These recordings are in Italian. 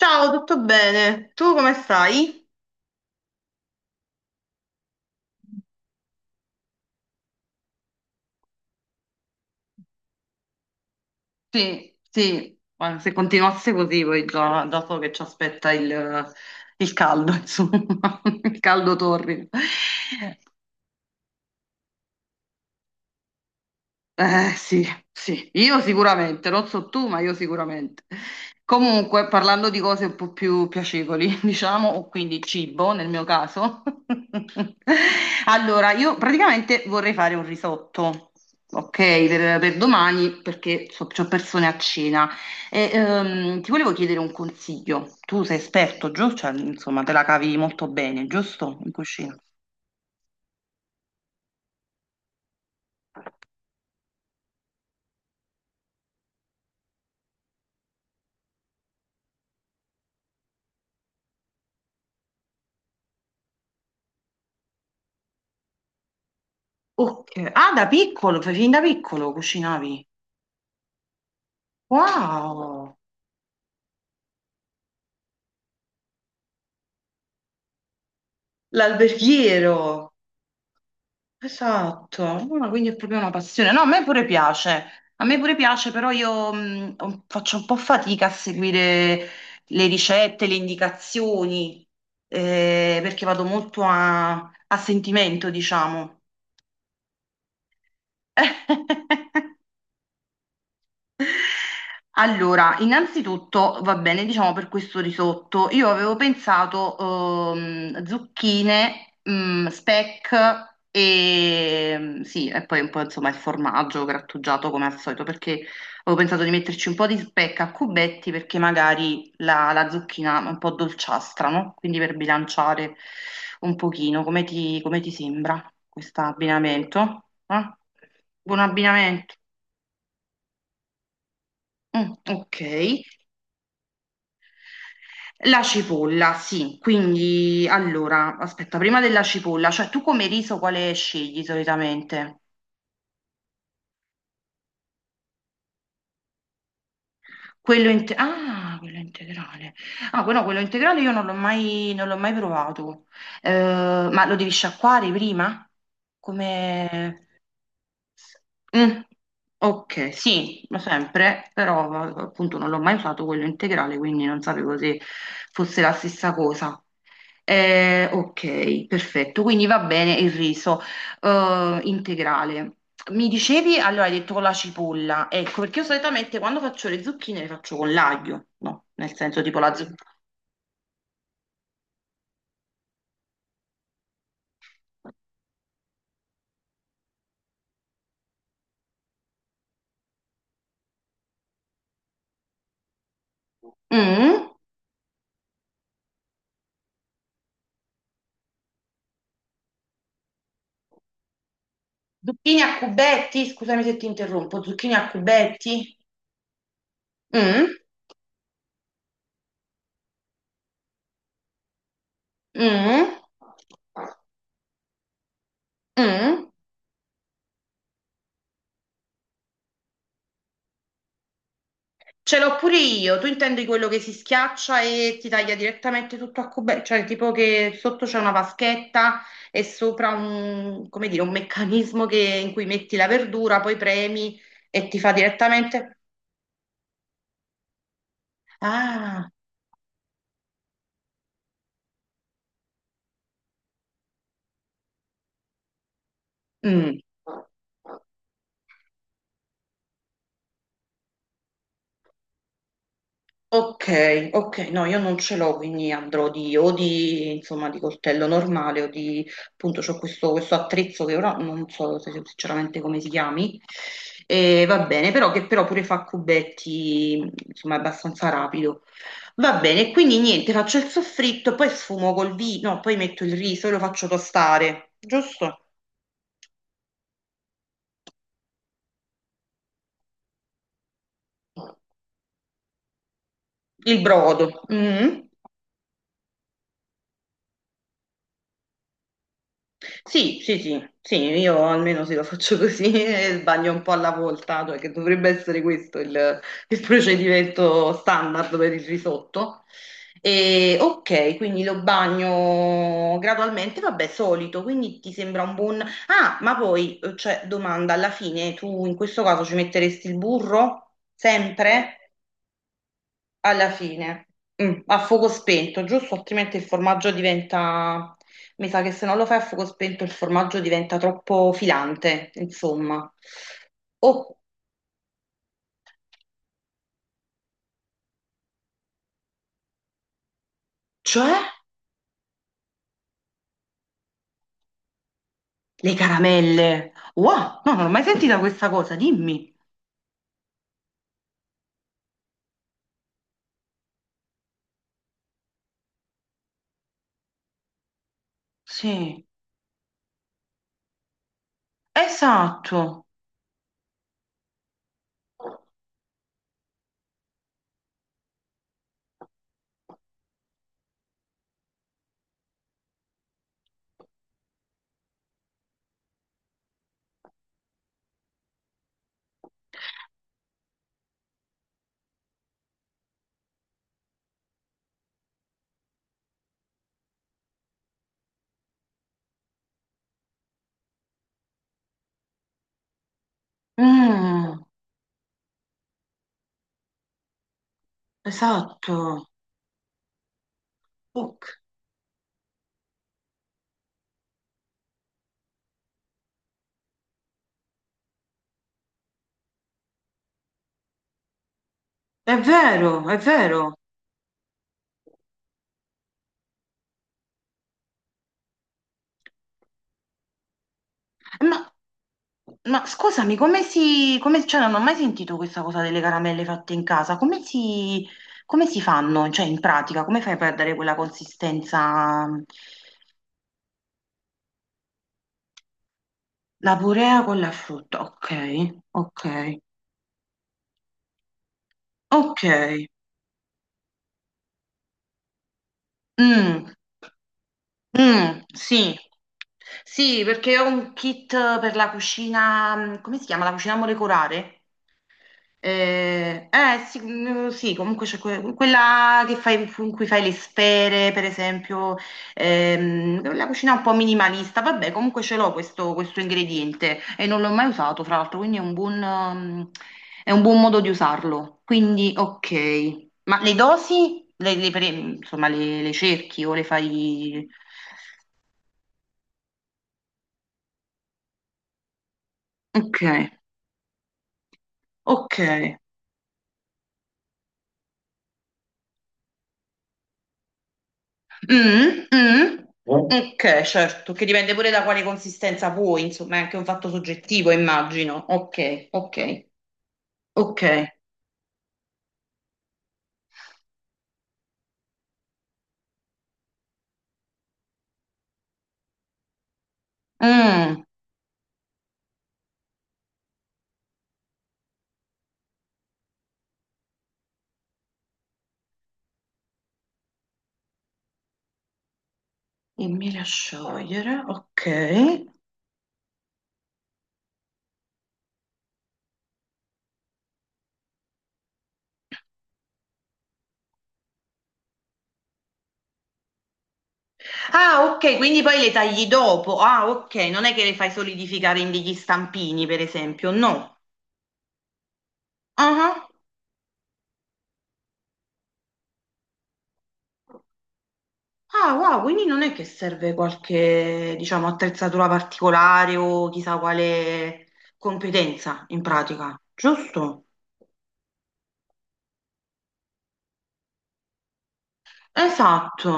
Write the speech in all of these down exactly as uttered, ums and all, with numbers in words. Ciao, tutto bene? Tu come stai? Sì, sì, ma se continuasse così poi già, già so che ci aspetta il, il caldo, insomma, il caldo torrido. Eh, sì, sì, io sicuramente, non so tu, ma io sicuramente. Comunque, parlando di cose un po' più piacevoli, diciamo, o quindi cibo nel mio caso. Allora, io praticamente vorrei fare un risotto, ok, per, per domani, perché so, c'ho persone a cena. E, ehm, ti volevo chiedere un consiglio. Tu sei esperto, giusto? Cioè, insomma, te la cavi molto bene, giusto? In cucina. Ok. Ah, da piccolo, fin da piccolo cucinavi. Wow! L'alberghiero, esatto, ah, quindi è proprio una passione. No, a me pure piace, a me pure piace, però io mh, ho- faccio un po' fatica a seguire le ricette, le indicazioni, eh, perché vado molto a, a sentimento, diciamo. Allora, innanzitutto va bene, diciamo per questo risotto, io avevo pensato ehm, zucchine, mm, speck e mm, sì, e poi un po' insomma il formaggio grattugiato come al solito, perché avevo pensato di metterci un po' di speck a cubetti perché magari la, la zucchina è un po' dolciastra, no? Quindi per bilanciare un pochino, come ti, come ti sembra questo abbinamento? Eh? Buon abbinamento. Mm, ok. La cipolla, sì, quindi allora, aspetta, prima della cipolla, cioè tu come riso quale scegli solitamente? Quello, inte- ah, quello integrale. Ah, quello, quello integrale io non l'ho mai, non l'ho mai provato. Eh, ma lo devi sciacquare prima? Come... Mm, ok, sì, lo sempre, però appunto non l'ho mai usato quello integrale, quindi non sapevo se fosse la stessa cosa. Eh, ok, perfetto, quindi va bene il riso eh, integrale. Mi dicevi, allora hai detto con la cipolla, ecco, perché io solitamente quando faccio le zucchine le faccio con l'aglio, no? Nel senso tipo la zucchina. Zucchine a cubetti, scusami se ti interrompo, zucchine a cubetti. Mm, mm. Mm? Ce l'ho pure io. Tu intendi quello che si schiaccia e ti taglia direttamente tutto a cubetti, cioè tipo che sotto c'è una vaschetta e sopra un, come dire, un meccanismo che- in cui metti la verdura, poi premi e ti fa direttamente. Ah, mm. Ok, ok, no, io non ce l'ho, quindi andrò di, o di, insomma, di coltello normale o di, appunto, c'ho questo, questo attrezzo che ora non so se- so sinceramente come si chiami, e va bene, però che però pure fa cubetti, insomma, abbastanza rapido. Va bene, quindi niente, faccio il soffritto, poi sfumo col vino, poi metto il riso e lo faccio tostare, giusto? Il brodo. Mm. Sì, sì, sì, sì, io almeno se lo faccio così e sbaglio un po' alla volta, cioè che dovrebbe essere questo il, il procedimento standard per il risotto. E, ok, quindi lo bagno gradualmente, vabbè, solito, quindi ti sembra un buon. Ah, ma poi, eh, cioè, domanda, alla fine tu in questo caso ci metteresti il burro? Sempre? Alla fine, Mm, a fuoco spento, giusto? Altrimenti il formaggio diventa, mi sa che se non lo fai a fuoco spento il formaggio diventa troppo filante, insomma. Oh, cioè le caramelle. Wow, no, non ho mai sentita questa cosa, dimmi. Sì, esatto. Mm, esatto. Ok. È vero, è vero. Ma, ma scusami, come si... come- cioè, non ho mai sentito questa cosa delle caramelle fatte in casa. Come si, come si fanno? Cioè, in pratica, come fai a perdere quella consistenza? La purea con la frutta, ok, ok, ok. Mm, mm, sì, sì, perché ho un kit per la cucina, mm, come si chiama? La cucina molecolare? Eh, eh, sì, mm, sì, comunque c'è que- quella che fai, in cui fai le sfere, per esempio, ehm, la cucina un po' minimalista, vabbè, comunque ce l'ho questo, questo ingrediente e non l'ho mai usato, fra l'altro, quindi è un buon, ehm, è un buon modo di usarlo. Quindi, ok, ma le dosi, le, le pre- insomma, le, le cerchi o le fai... Ok, ok. Mm, mm. Eh? Ok, certo, che dipende pure da quale consistenza vuoi, insomma, è anche un fatto soggettivo, immagino. Ok, ok, ok. Mm. Dimmi da sciogliere, ok. Ah, ok, quindi poi le tagli dopo. Ah, ok, non è che le fai solidificare in degli stampini, per esempio, no. Ah, Ah, wow, quindi non è che serve qualche, diciamo, attrezzatura particolare o chissà quale competenza in pratica, giusto? Esatto.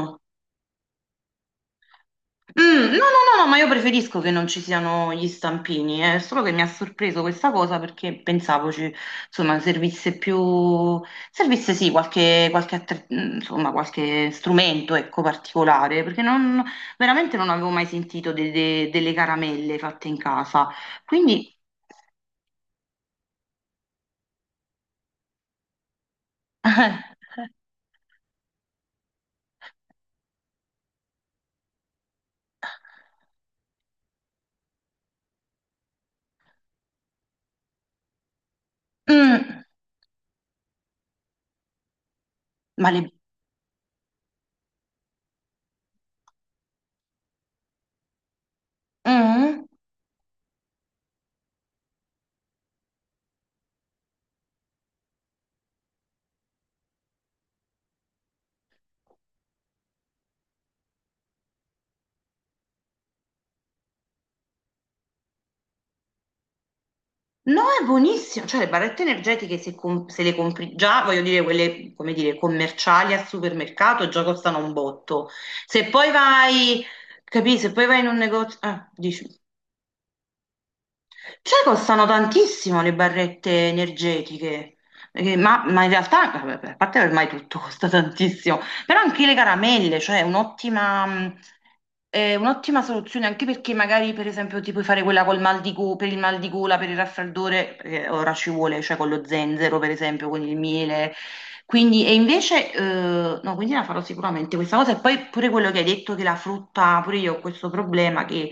Mm, no, no, no, no, ma io preferisco che non ci siano gli stampini, è solo che mi ha sorpreso questa cosa perché pensavo ci, insomma, servisse più, servisse sì qualche, qualche attre- mm, insomma, qualche strumento, ecco, particolare, perché non, veramente non avevo mai sentito de- de- delle caramelle fatte in casa. Quindi, Mm, ma le. Mm? No, è buonissimo, cioè le barrette energetiche se, com- se le compri già, voglio dire, quelle, come dire, commerciali al supermercato già costano un botto. Se poi vai, capisci, se poi vai in un negozio, ah, dici. Cioè, costano tantissimo le barrette energetiche, Eh, ma, ma in realtà, vabbè, a parte ormai tutto costa tantissimo, però anche le caramelle, cioè è un'ottima, mh, è un'ottima soluzione, anche perché magari per esempio ti puoi fare quella col mal di go- per il mal di gola, per il raffreddore, eh, ora ci vuole, cioè con lo zenzero per esempio, con il miele, quindi, e invece, eh, no, quindi la farò sicuramente questa cosa. E poi pure quello che hai detto che la frutta, pure io ho questo problema che,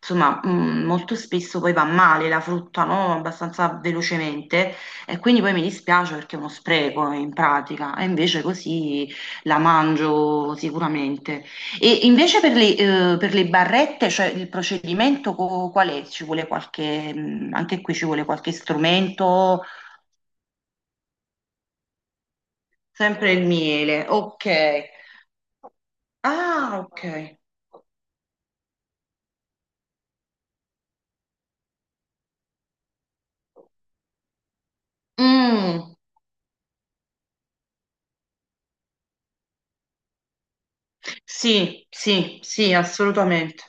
insomma, mh, molto spesso poi va male la frutta, no? Abbastanza velocemente. E quindi poi mi dispiace perché è uno spreco in pratica. E invece così la mangio sicuramente. E invece per le, eh, per le barrette, cioè il procedimento co- qual è? Ci vuole qualche, mh, anche qui ci vuole qualche strumento? Sempre il miele, ok. Ah, ok. Mm. Sì, sì, sì, assolutamente.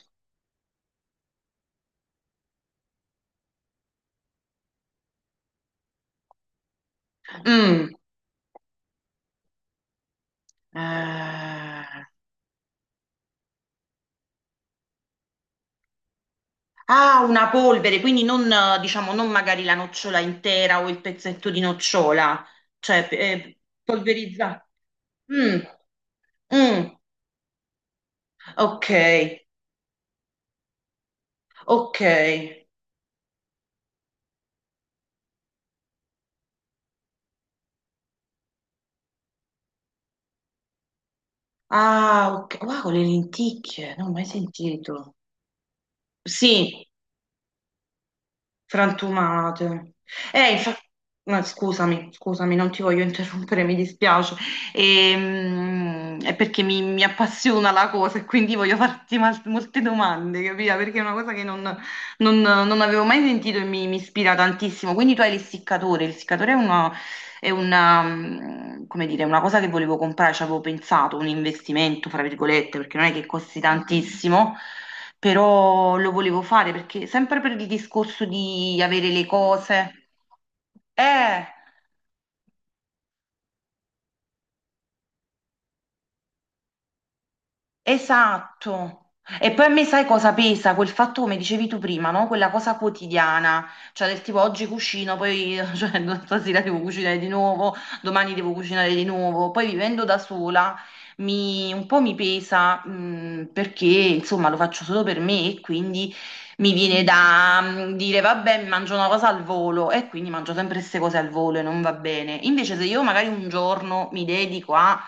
Mm. Eh, Ah, una polvere, quindi non, eh, diciamo, non magari la nocciola intera o il pezzetto di nocciola, cioè eh, polverizzata. Mm, mm. Ok, ok. Ah, ok. Wow, con le lenticchie, non ho mai sentito. Sì. Frantumate. Eh, infatti, scusami, scusami, non ti voglio interrompere, mi dispiace. Ehm, è perché mi, mi appassiona la cosa e quindi voglio farti mal- molte domande, capito? Perché è una cosa che non, non- non avevo mai sentito e mi, mi ispira tantissimo. Quindi tu hai l'essiccatore, l'essiccatore è una, mm, come dire, una cosa che volevo comprare, ci avevo pensato, un investimento, fra virgolette, perché non è che costi tantissimo, però lo volevo fare perché sempre per il discorso di avere le cose. Eh! Esatto. E poi a me sai cosa pesa? Quel fatto, come dicevi tu prima, no? Quella cosa quotidiana, cioè del tipo oggi cucino, poi cioè, stasera devo cucinare di nuovo, domani devo cucinare di nuovo. Poi vivendo da sola mi, un po' mi pesa mh, perché insomma lo faccio solo per me e quindi mi viene da mh, dire vabbè, mi mangio una cosa al volo e quindi mangio sempre queste cose al volo e non va bene. Invece se io magari un giorno mi dedico a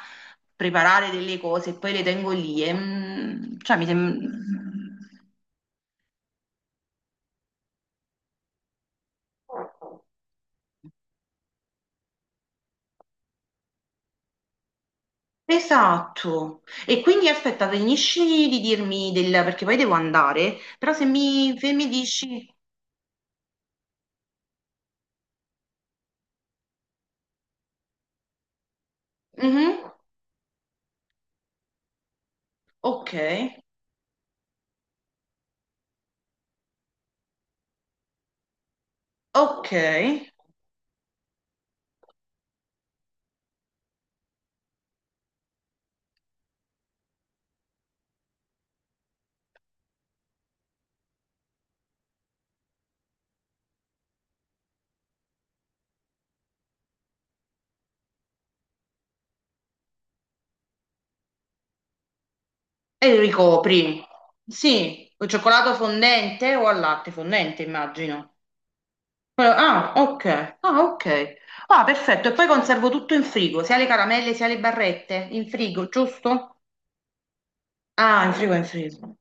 preparare delle cose e poi le tengo lì. E, mm, cioè, mi sem-. Esatto. E quindi aspetta, finisci di dirmi del. Perché poi devo andare, però se mi, se mi dici. Mhm. Ok, ok. E ricopri. Sì, o cioccolato fondente o al latte fondente, immagino. Quello- Ah, ok. Ah, ok. Ah, perfetto. E poi conservo tutto in frigo, sia le caramelle sia le barrette in frigo, giusto? Ah, il frigo è in frigo.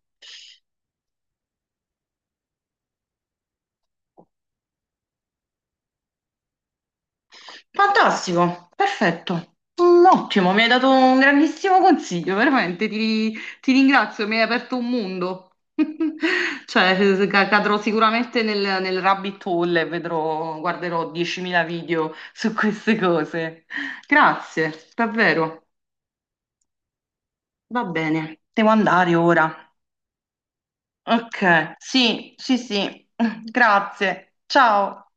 Fantastico, perfetto. Mm, Ottimo, mi hai dato un grandissimo consiglio, veramente ti, ti ringrazio, mi hai aperto un mondo. Cioè, ca- cadrò sicuramente nel, nel rabbit hole e vedrò, guarderò diecimila video su queste cose. Grazie, davvero. Va bene, devo andare ora. Ok, sì, sì, sì. Grazie. Ciao.